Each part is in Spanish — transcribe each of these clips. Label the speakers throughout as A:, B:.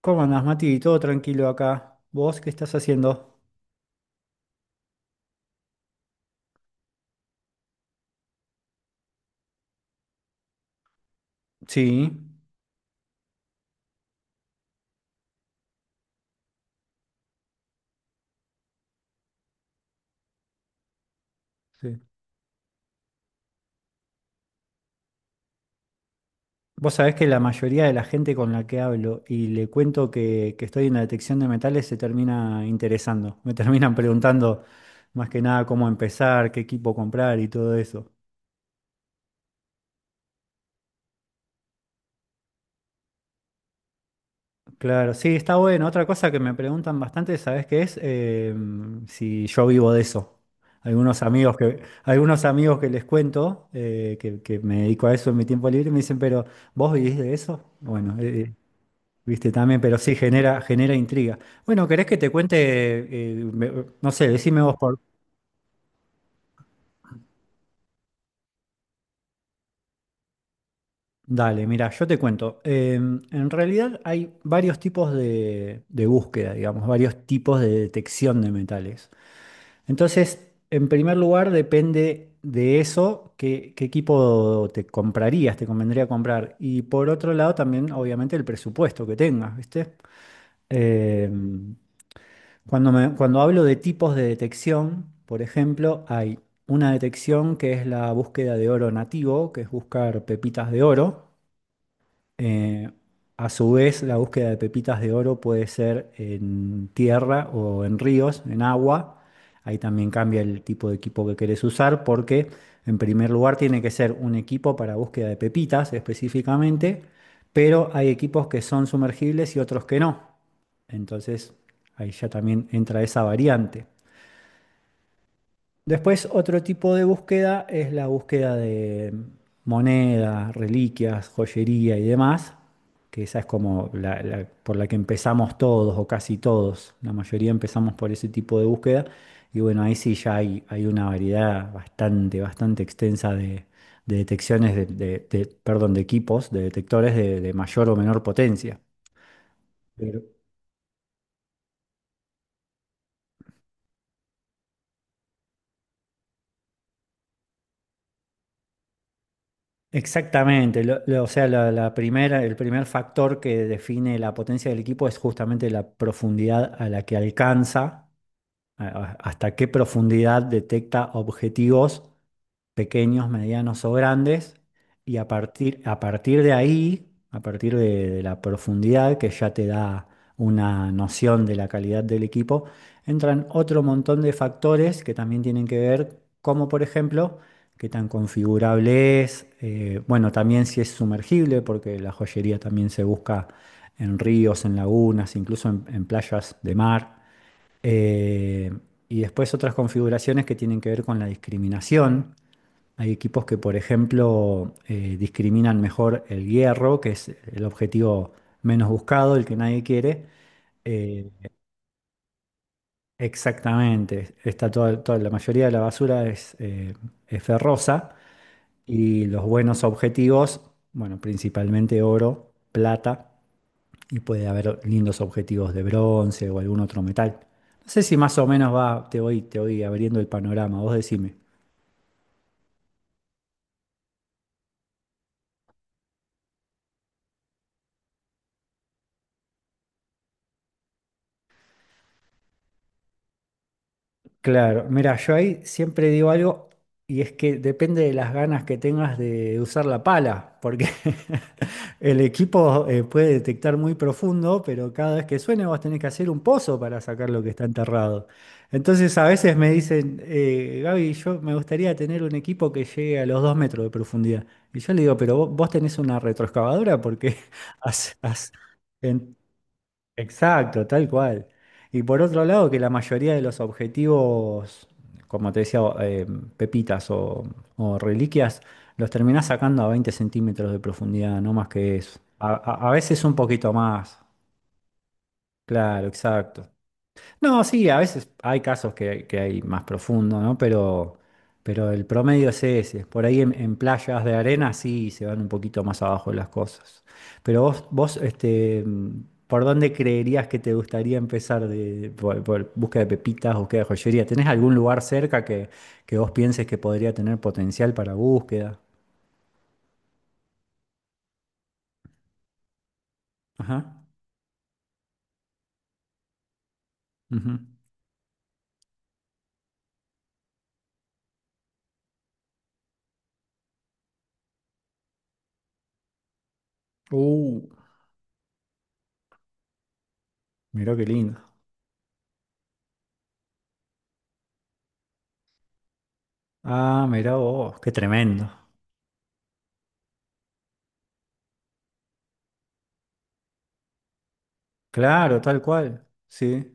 A: ¿Cómo andás, Mati? Todo tranquilo acá. ¿Vos qué estás haciendo? Sí, sí. Vos sabés que la mayoría de la gente con la que hablo y le cuento que estoy en la detección de metales se termina interesando. Me terminan preguntando más que nada cómo empezar, qué equipo comprar y todo eso. Claro, sí, está bueno. Otra cosa que me preguntan bastante, ¿sabes qué es? Si yo vivo de eso. Algunos amigos que les cuento, que me dedico a eso en mi tiempo libre, me dicen, pero ¿vos vivís de eso? Bueno, viste también, pero sí genera, genera intriga. Bueno, ¿querés que te cuente? No sé, decime vos por. Dale, mira, yo te cuento. En realidad hay varios tipos de búsqueda, digamos, varios tipos de detección de metales. Entonces, en primer lugar, depende de eso, qué equipo te comprarías, te convendría comprar. Y por otro lado, también, obviamente, el presupuesto que tengas, ¿viste? Eh, Cuando hablo de tipos de detección, por ejemplo, hay una detección que es la búsqueda de oro nativo, que es buscar pepitas de oro. Eh, a su vez, la búsqueda de pepitas de oro puede ser en tierra o en ríos, en agua. Ahí también cambia el tipo de equipo que querés usar porque, en primer lugar, tiene que ser un equipo para búsqueda de pepitas específicamente, pero hay equipos que son sumergibles y otros que no. Entonces, ahí ya también entra esa variante. Después, otro tipo de búsqueda es la búsqueda de monedas, reliquias, joyería y demás, que esa es como por la que empezamos todos o casi todos. La mayoría empezamos por ese tipo de búsqueda. Y bueno, ahí sí ya hay una variedad bastante, bastante extensa de detecciones perdón, de equipos, de detectores de mayor o menor potencia. Exactamente, o sea, la primera, el primer factor que define la potencia del equipo es justamente la profundidad a la que alcanza, hasta qué profundidad detecta objetivos pequeños, medianos o grandes, y a partir de ahí, a partir de la profundidad que ya te da una noción de la calidad del equipo, entran otro montón de factores que también tienen que ver, como por ejemplo, qué tan configurable es, bueno, también si es sumergible, porque la joyería también se busca en ríos, en lagunas, incluso en playas de mar. Eh, y después otras configuraciones que tienen que ver con la discriminación, hay equipos que, por ejemplo, discriminan mejor el hierro, que es el objetivo menos buscado, el que nadie quiere. Eh, Exactamente, la mayoría de la basura es ferrosa y los buenos objetivos, bueno, principalmente oro, plata y puede haber lindos objetivos de bronce o algún otro metal. No sé si más o menos va, te voy abriendo el panorama, vos decime. Claro, mira, yo ahí siempre digo algo y es que depende de las ganas que tengas de usar la pala, porque el equipo puede detectar muy profundo, pero cada vez que suene vos tenés que hacer un pozo para sacar lo que está enterrado. Entonces a veces me dicen, Gaby, yo me gustaría tener un equipo que llegue a los 2 metros de profundidad. Y yo le digo, pero vos tenés una retroexcavadora porque has, has- en- exacto, tal cual. Y por otro lado, que la mayoría de los objetivos, como te decía, pepitas o reliquias, los terminás sacando a 20 centímetros de profundidad, no más que eso. A veces un poquito más. Claro, exacto. No, sí, a veces hay casos que hay más profundo, ¿no? Pero el promedio es ese. Por ahí en playas de arena sí se van un poquito más abajo las cosas. Pero ¿por dónde creerías que te gustaría por búsqueda de pepitas, búsqueda de joyería? ¿Tenés algún lugar cerca que vos pienses que podría tener potencial para búsqueda? Ajá. Ujú. Uh, mirá qué lindo. Ah, mirá vos, qué tremendo. Claro, tal cual. Sí.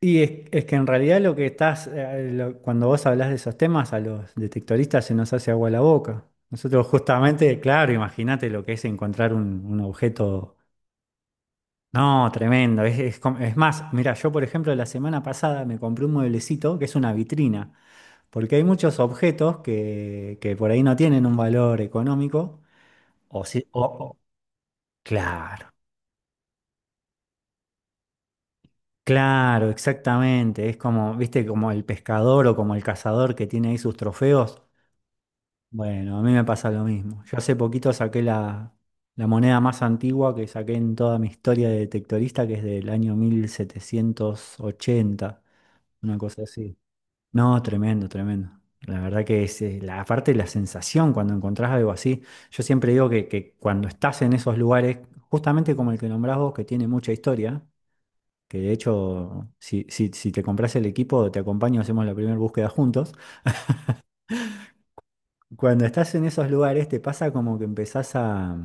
A: Y es que en realidad lo que estás, cuando vos hablás de esos temas, a los detectoristas se nos hace agua la boca. Nosotros justamente, claro, imagínate lo que es encontrar un objeto, no, tremendo. Es más, mira, yo por ejemplo la semana pasada me compré un mueblecito que es una vitrina, porque hay muchos objetos que por ahí no tienen un valor económico, o sí, o- claro. Claro, exactamente. Es como, viste, como el pescador o como el cazador que tiene ahí sus trofeos. Bueno, a mí me pasa lo mismo. Yo hace poquito saqué la moneda más antigua que saqué en toda mi historia de detectorista, que es del año 1780, una cosa así. No, tremendo, tremendo. La verdad que es la parte de la sensación cuando encontrás algo así. Yo siempre digo que cuando estás en esos lugares, justamente como el que nombrás vos, que tiene mucha historia, que de hecho, si te compras el equipo, te acompaño, hacemos la primera búsqueda. Cuando estás en esos lugares te pasa como que empezás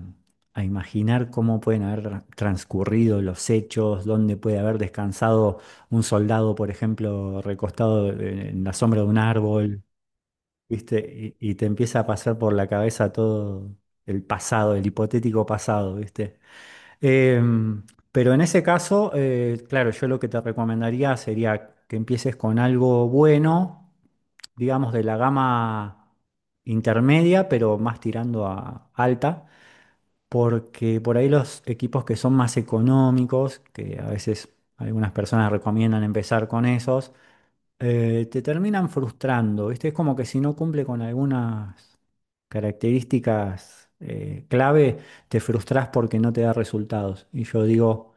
A: a imaginar cómo pueden haber transcurrido los hechos, dónde puede haber descansado un soldado, por ejemplo, recostado en la sombra de un árbol, ¿viste? Y te empieza a pasar por la cabeza todo el pasado, el hipotético pasado, ¿viste? Em, pero en ese caso, claro, yo lo que te recomendaría sería que empieces con algo bueno digamos, de la gama intermedia, pero más tirando a alta, porque por ahí los equipos que son más económicos, que a veces algunas personas recomiendan empezar con esos, te terminan frustrando, ¿viste? Es como que si no cumple con algunas características clave, te frustras porque no te da resultados. Y yo digo...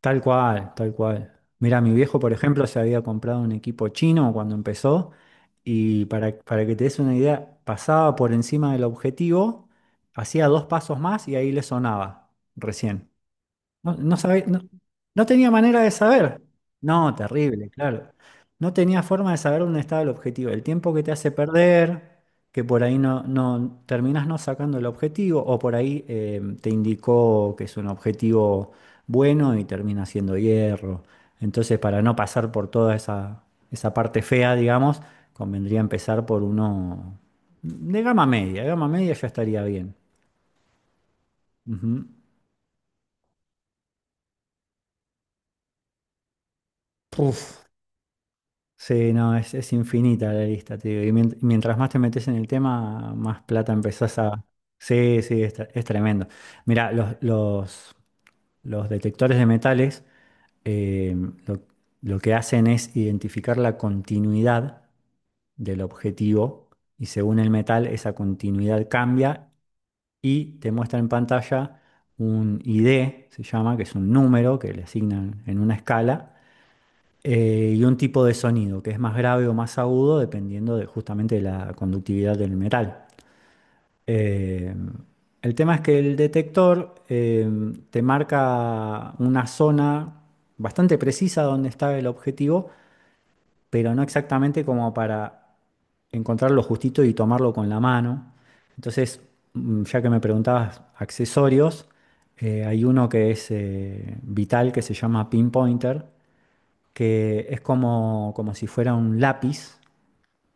A: Tal cual, tal cual. Mira, mi viejo, por ejemplo, se había comprado un equipo chino cuando empezó y para que te des una idea, pasaba por encima del objetivo, hacía dos pasos más y ahí le sonaba recién. No, no tenía manera de saber. No, terrible, claro. No tenía forma de saber dónde estaba el objetivo. El tiempo que te hace perder, que por ahí no terminás no sacando el objetivo, o por ahí te indicó que es un objetivo bueno y termina siendo hierro. Entonces, para no pasar por toda esa parte fea, digamos, convendría empezar por uno de gama media. Gama media ya estaría bien. Ujú. Uf. Sí, no, es infinita la lista, te digo. Y mientras más te metes en el tema, más plata empezás a... Sí, sí, es tremendo. Mira, los detectores de metales eh, lo, lo que hacen es identificar la continuidad del objetivo y según el metal esa continuidad cambia y te muestra en pantalla un ID, se llama, que es un número que le asignan en una escala y un tipo de sonido que es más grave o más agudo dependiendo de, justamente de la conductividad del metal. Eh, el tema es que el detector te marca una zona bastante precisa donde está el objetivo, pero no exactamente como para encontrarlo justito y tomarlo con la mano. Entonces, mm, ya que me preguntabas accesorios, hay uno que es vital que se llama pinpointer que es como, como si fuera un lápiz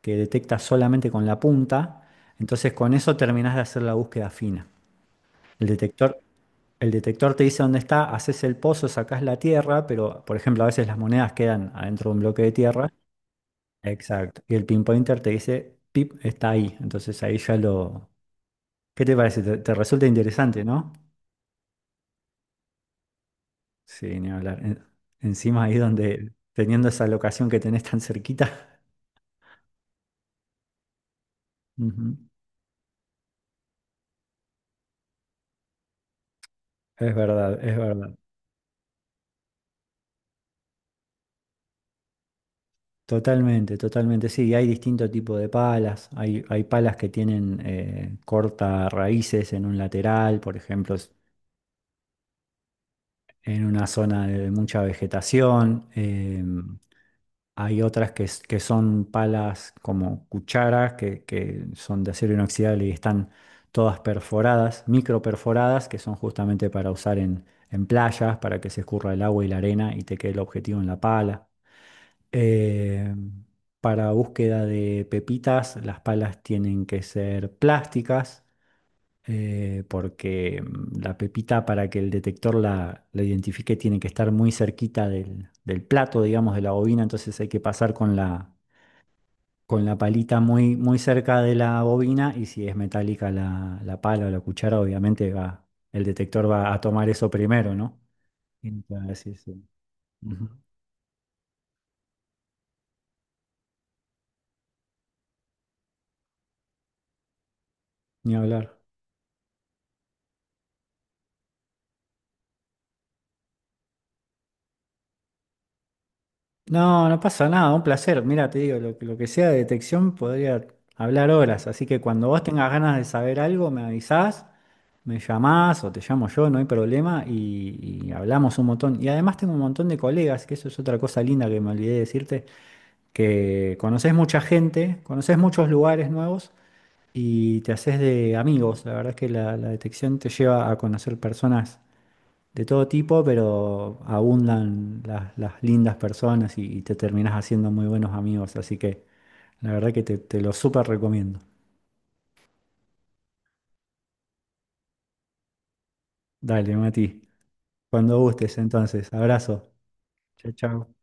A: que detecta solamente con la punta. Entonces con eso terminás de hacer la búsqueda fina. El detector, el detector te dice dónde está, haces el pozo, sacás la tierra, pero por ejemplo a veces las monedas quedan adentro de un bloque de tierra. Exacto. Y el pinpointer te dice, pip, está ahí. Entonces ahí ya lo... ¿Qué te parece? Te resulta interesante, ¿no? Sí, ni hablar. Encima ahí donde, teniendo esa locación que tenés tan cerquita. Ujú. Es verdad, es verdad. Totalmente, totalmente, sí, hay distinto tipo de palas, hay palas que tienen corta raíces en un lateral, por ejemplo, en una zona de mucha vegetación, hay otras que son palas como cucharas, que son de acero inoxidable y están todas perforadas, micro perforadas, que son justamente para usar en playas, para que se escurra el agua y la arena y te quede el objetivo en la pala. Eh, para búsqueda de pepitas, las palas tienen que ser plásticas, porque mm, la pepita para que el detector la identifique tiene que estar muy cerquita del plato, digamos, de la bobina, entonces hay que pasar con la palita muy, muy cerca de la bobina y si es metálica la pala o la cuchara, obviamente va, el detector va a tomar eso primero, ¿no? Entonces, sí, sí. Ujú. Ni hablar. No, no pasa nada, un placer. Mira, te digo, que lo que sea de detección podría hablar horas, así que cuando vos tengas ganas de saber algo, me avisás, me llamás o te llamo yo, no hay problema, y hablamos un montón. Y además tengo un montón de colegas, que eso es otra cosa linda que me olvidé de decirte, que conoces mucha gente, conoces muchos lugares nuevos y te haces de amigos. La verdad es que la detección te lleva a conocer personas de todo tipo, pero abundan las lindas personas y te terminás haciendo muy buenos amigos. Así que la verdad que te lo súper recomiendo. Dale, Mati. Cuando gustes, entonces. Abrazo. Chao, chao.